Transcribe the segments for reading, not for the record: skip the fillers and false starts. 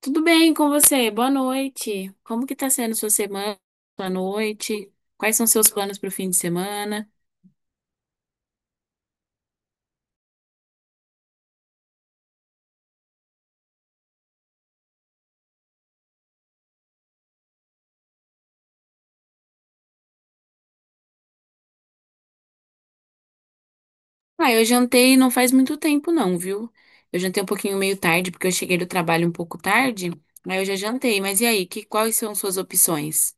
Tudo bem com você? Boa noite. Como que tá sendo sua semana, sua noite? Quais são seus planos para o fim de semana? Ah, eu jantei não faz muito tempo não, viu? Eu jantei um pouquinho meio tarde, porque eu cheguei do trabalho um pouco tarde, aí eu já jantei. Mas e aí, quais são suas opções?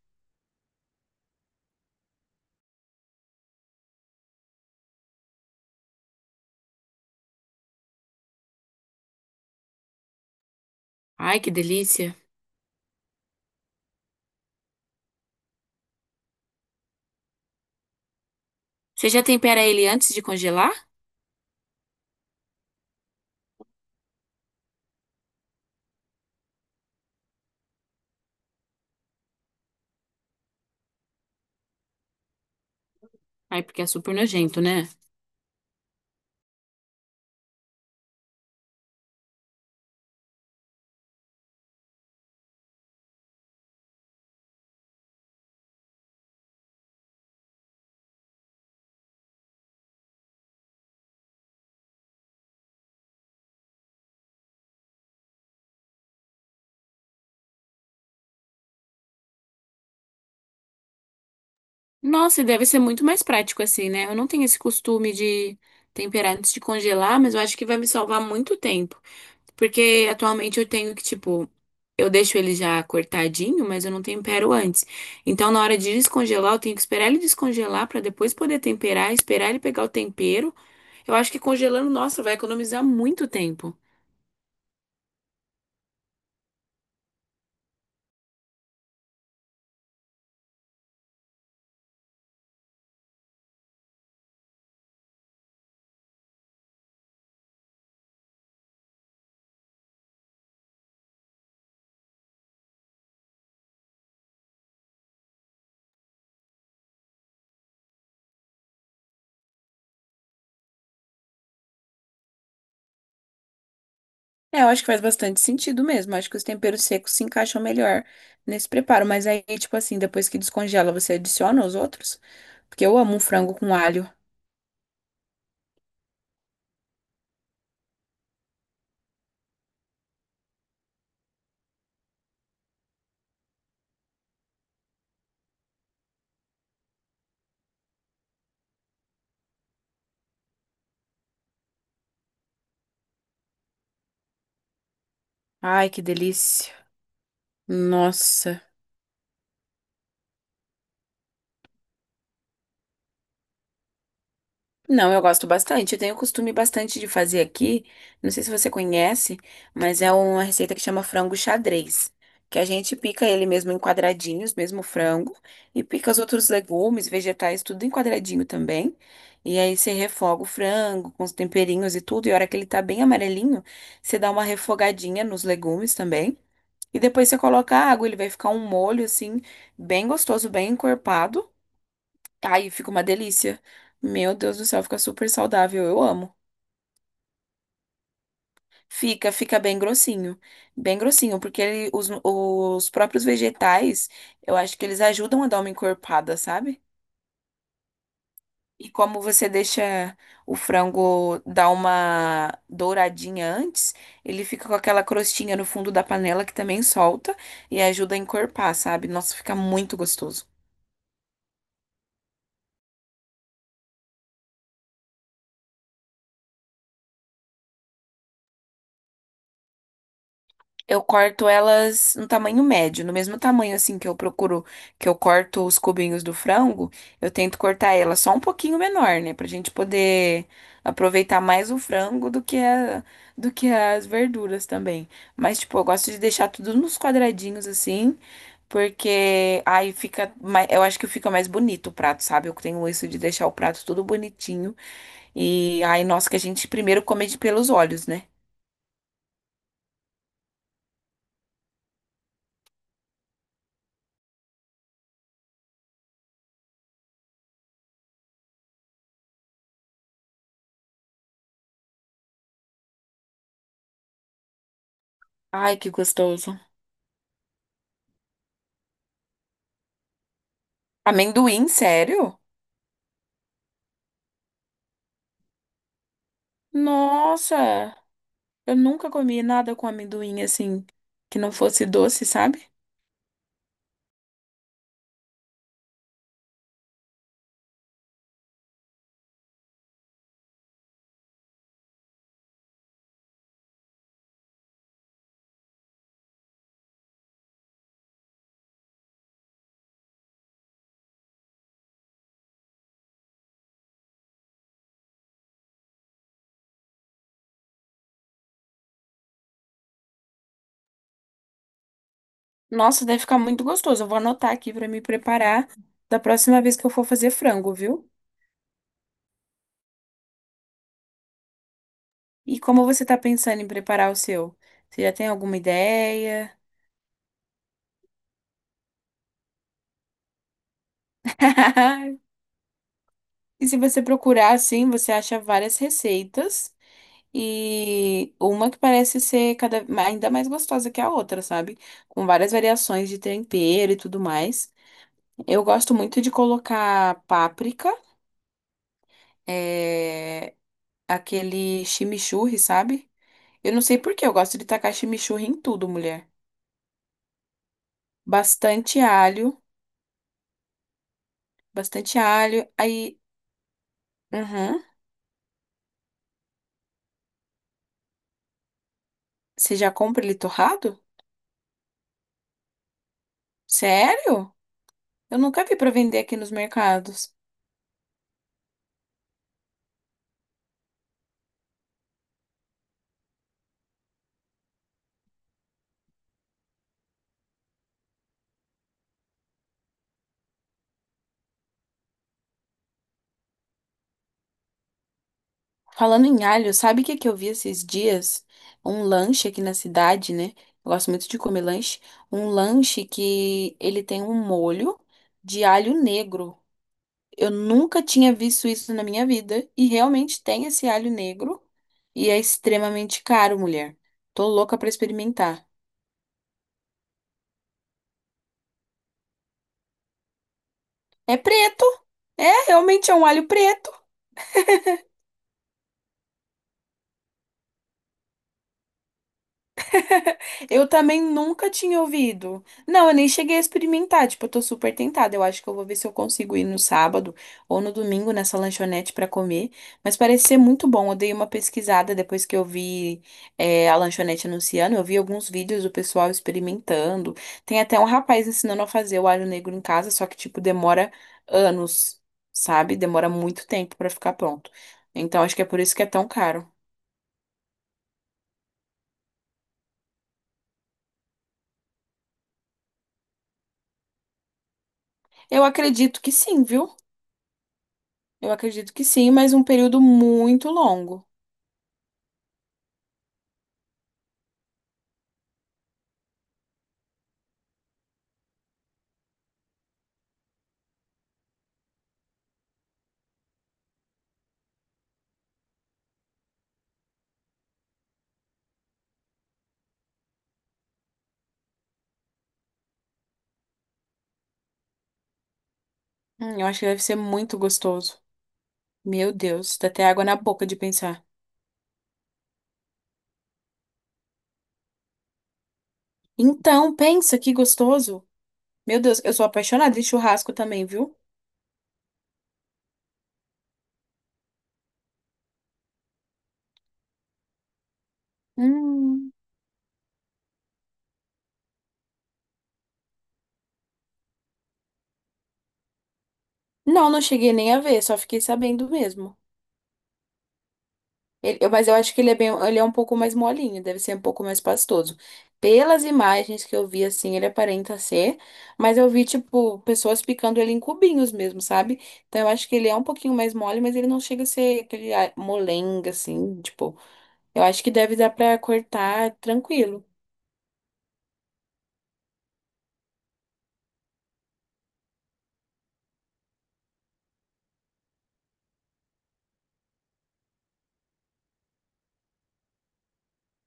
Ai, que delícia! Você já tempera ele antes de congelar? Ai, porque é super nojento, né? Nossa, e deve ser muito mais prático assim, né? Eu não tenho esse costume de temperar antes de congelar, mas eu acho que vai me salvar muito tempo. Porque atualmente eu tenho que, tipo, eu deixo ele já cortadinho, mas eu não tempero antes. Então, na hora de descongelar, eu tenho que esperar ele descongelar pra depois poder temperar, esperar ele pegar o tempero. Eu acho que congelando, nossa, vai economizar muito tempo. É, eu acho que faz bastante sentido mesmo. Acho que os temperos secos se encaixam melhor nesse preparo. Mas aí, tipo assim, depois que descongela, você adiciona os outros? Porque eu amo um frango com alho. Ai, que delícia. Nossa. Não, eu gosto bastante. Eu tenho costume bastante de fazer aqui. Não sei se você conhece, mas é uma receita que chama frango xadrez. Que a gente pica ele mesmo em quadradinhos, mesmo o frango, e pica os outros legumes, vegetais, tudo em quadradinho também. E aí você refoga o frango com os temperinhos e tudo. E a hora que ele tá bem amarelinho, você dá uma refogadinha nos legumes também. E depois você coloca a água, ele vai ficar um molho assim, bem gostoso, bem encorpado. Ai, fica uma delícia. Meu Deus do céu, fica super saudável. Eu amo. Fica bem grossinho. Bem grossinho, porque ele- os próprios vegetais, eu acho que eles ajudam a dar uma encorpada, sabe? E como você deixa o frango dar uma douradinha antes, ele fica com aquela crostinha no fundo da panela que também solta e ajuda a encorpar, sabe? Nossa, fica muito gostoso. Eu corto elas no tamanho médio, no mesmo tamanho assim que eu procuro, que eu corto os cubinhos do frango, eu tento cortar ela só um pouquinho menor, né, pra gente poder aproveitar mais o frango do que a- do que as verduras também. Mas tipo, eu gosto de deixar tudo nos quadradinhos assim, porque aí fica, mai- eu acho que fica mais bonito o prato, sabe? Eu tenho isso de deixar o prato tudo bonitinho e aí, nossa, que a gente primeiro come de pelos olhos, né? Ai, que gostoso. Amendoim, sério? Nossa, eu nunca comi nada com amendoim assim, que não fosse doce, sabe? Nossa, deve ficar muito gostoso. Eu vou anotar aqui pra me preparar da próxima vez que eu for fazer frango, viu? E como você tá pensando em preparar o seu? Você já tem alguma ideia? E se você procurar assim, você acha várias receitas e uma que parece ser cada ainda mais gostosa que a outra, sabe? Com várias variações de tempero e tudo mais. Eu gosto muito de colocar páprica, é, aquele chimichurri, sabe? Eu não sei por que eu gosto de tacar chimichurri em tudo, mulher. Bastante alho, bastante alho. Aí, uhum. Você já compra ele torrado? Sério? Eu nunca vi pra vender aqui nos mercados. Falando em alho, sabe o que que eu vi esses dias? Um lanche aqui na cidade, né? Eu gosto muito de comer lanche. Um lanche que ele tem um molho de alho negro. Eu nunca tinha visto isso na minha vida e realmente tem esse alho negro e é extremamente caro, mulher. Tô louca pra experimentar. É preto. É, realmente é um alho preto. Eu também nunca tinha ouvido. Não, eu nem cheguei a experimentar. Tipo, eu tô super tentada. Eu acho que eu vou ver se eu consigo ir no sábado ou no domingo nessa lanchonete pra comer. Mas parece ser muito bom. Eu dei uma pesquisada depois que eu vi, é, a lanchonete anunciando. Eu vi alguns vídeos do pessoal experimentando. Tem até um rapaz ensinando a fazer o alho negro em casa, só que, tipo, demora anos, sabe? Demora muito tempo pra ficar pronto. Então, acho que é por isso que é tão caro. Eu acredito que sim, viu? Eu acredito que sim, mas um período muito longo. Eu acho que deve ser muito gostoso. Meu Deus, dá até água na boca de pensar. Então, pensa que gostoso. Meu Deus, eu sou apaixonada em churrasco também, viu? Hum. Não, não cheguei nem a ver, só fiquei sabendo mesmo. Ele- eu- mas eu acho que ele é bem, ele é um pouco mais molinho, deve ser um pouco mais pastoso. Pelas imagens que eu vi, assim, ele aparenta ser, mas eu vi, tipo, pessoas picando ele em cubinhos mesmo, sabe? Então eu acho que ele é um pouquinho mais mole, mas ele não chega a ser aquele ah, molenga, assim, tipo, eu acho que deve dar pra cortar tranquilo.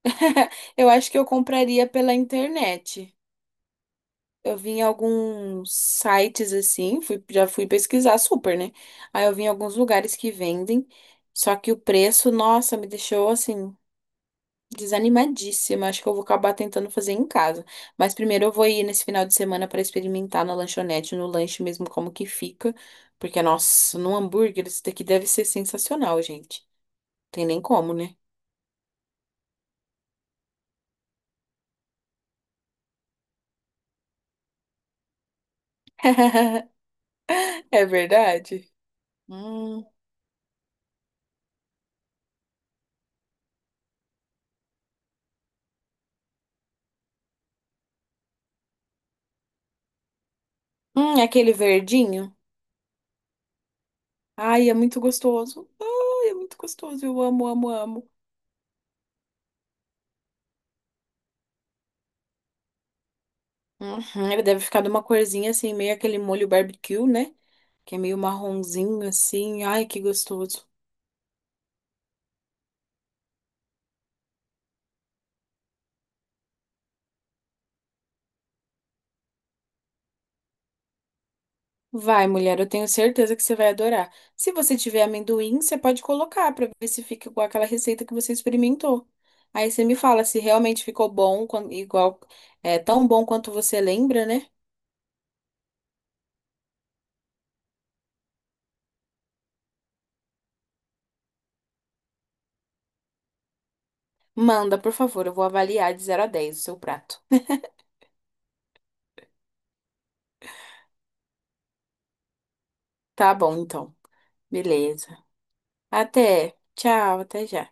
Eu acho que eu compraria pela internet. Eu vi em alguns sites assim, fui, já fui pesquisar super, né? Aí eu vi em alguns lugares que vendem, só que o preço, nossa, me deixou assim, desanimadíssima. Acho que eu vou acabar tentando fazer em casa. Mas primeiro eu vou ir nesse final de semana para experimentar na lanchonete, no lanche mesmo, como que fica. Porque, nossa, num hambúrguer isso daqui deve ser sensacional, gente. Tem nem como, né? É verdade? Hum, aquele verdinho. Ai, é muito gostoso. Ai, é muito gostoso. Eu amo, amo, amo. Uhum, ele deve ficar de uma corzinha assim, meio aquele molho barbecue, né? Que é meio marronzinho assim. Ai, que gostoso. Vai, mulher, eu tenho certeza que você vai adorar. Se você tiver amendoim, você pode colocar pra ver se fica igual aquela receita que você experimentou. Aí você me fala se realmente ficou bom, quan- igual, é tão bom quanto você lembra, né? Manda, por favor, eu vou avaliar de 0 a 10 o seu prato. Tá bom, então. Beleza. Até. Tchau, até já.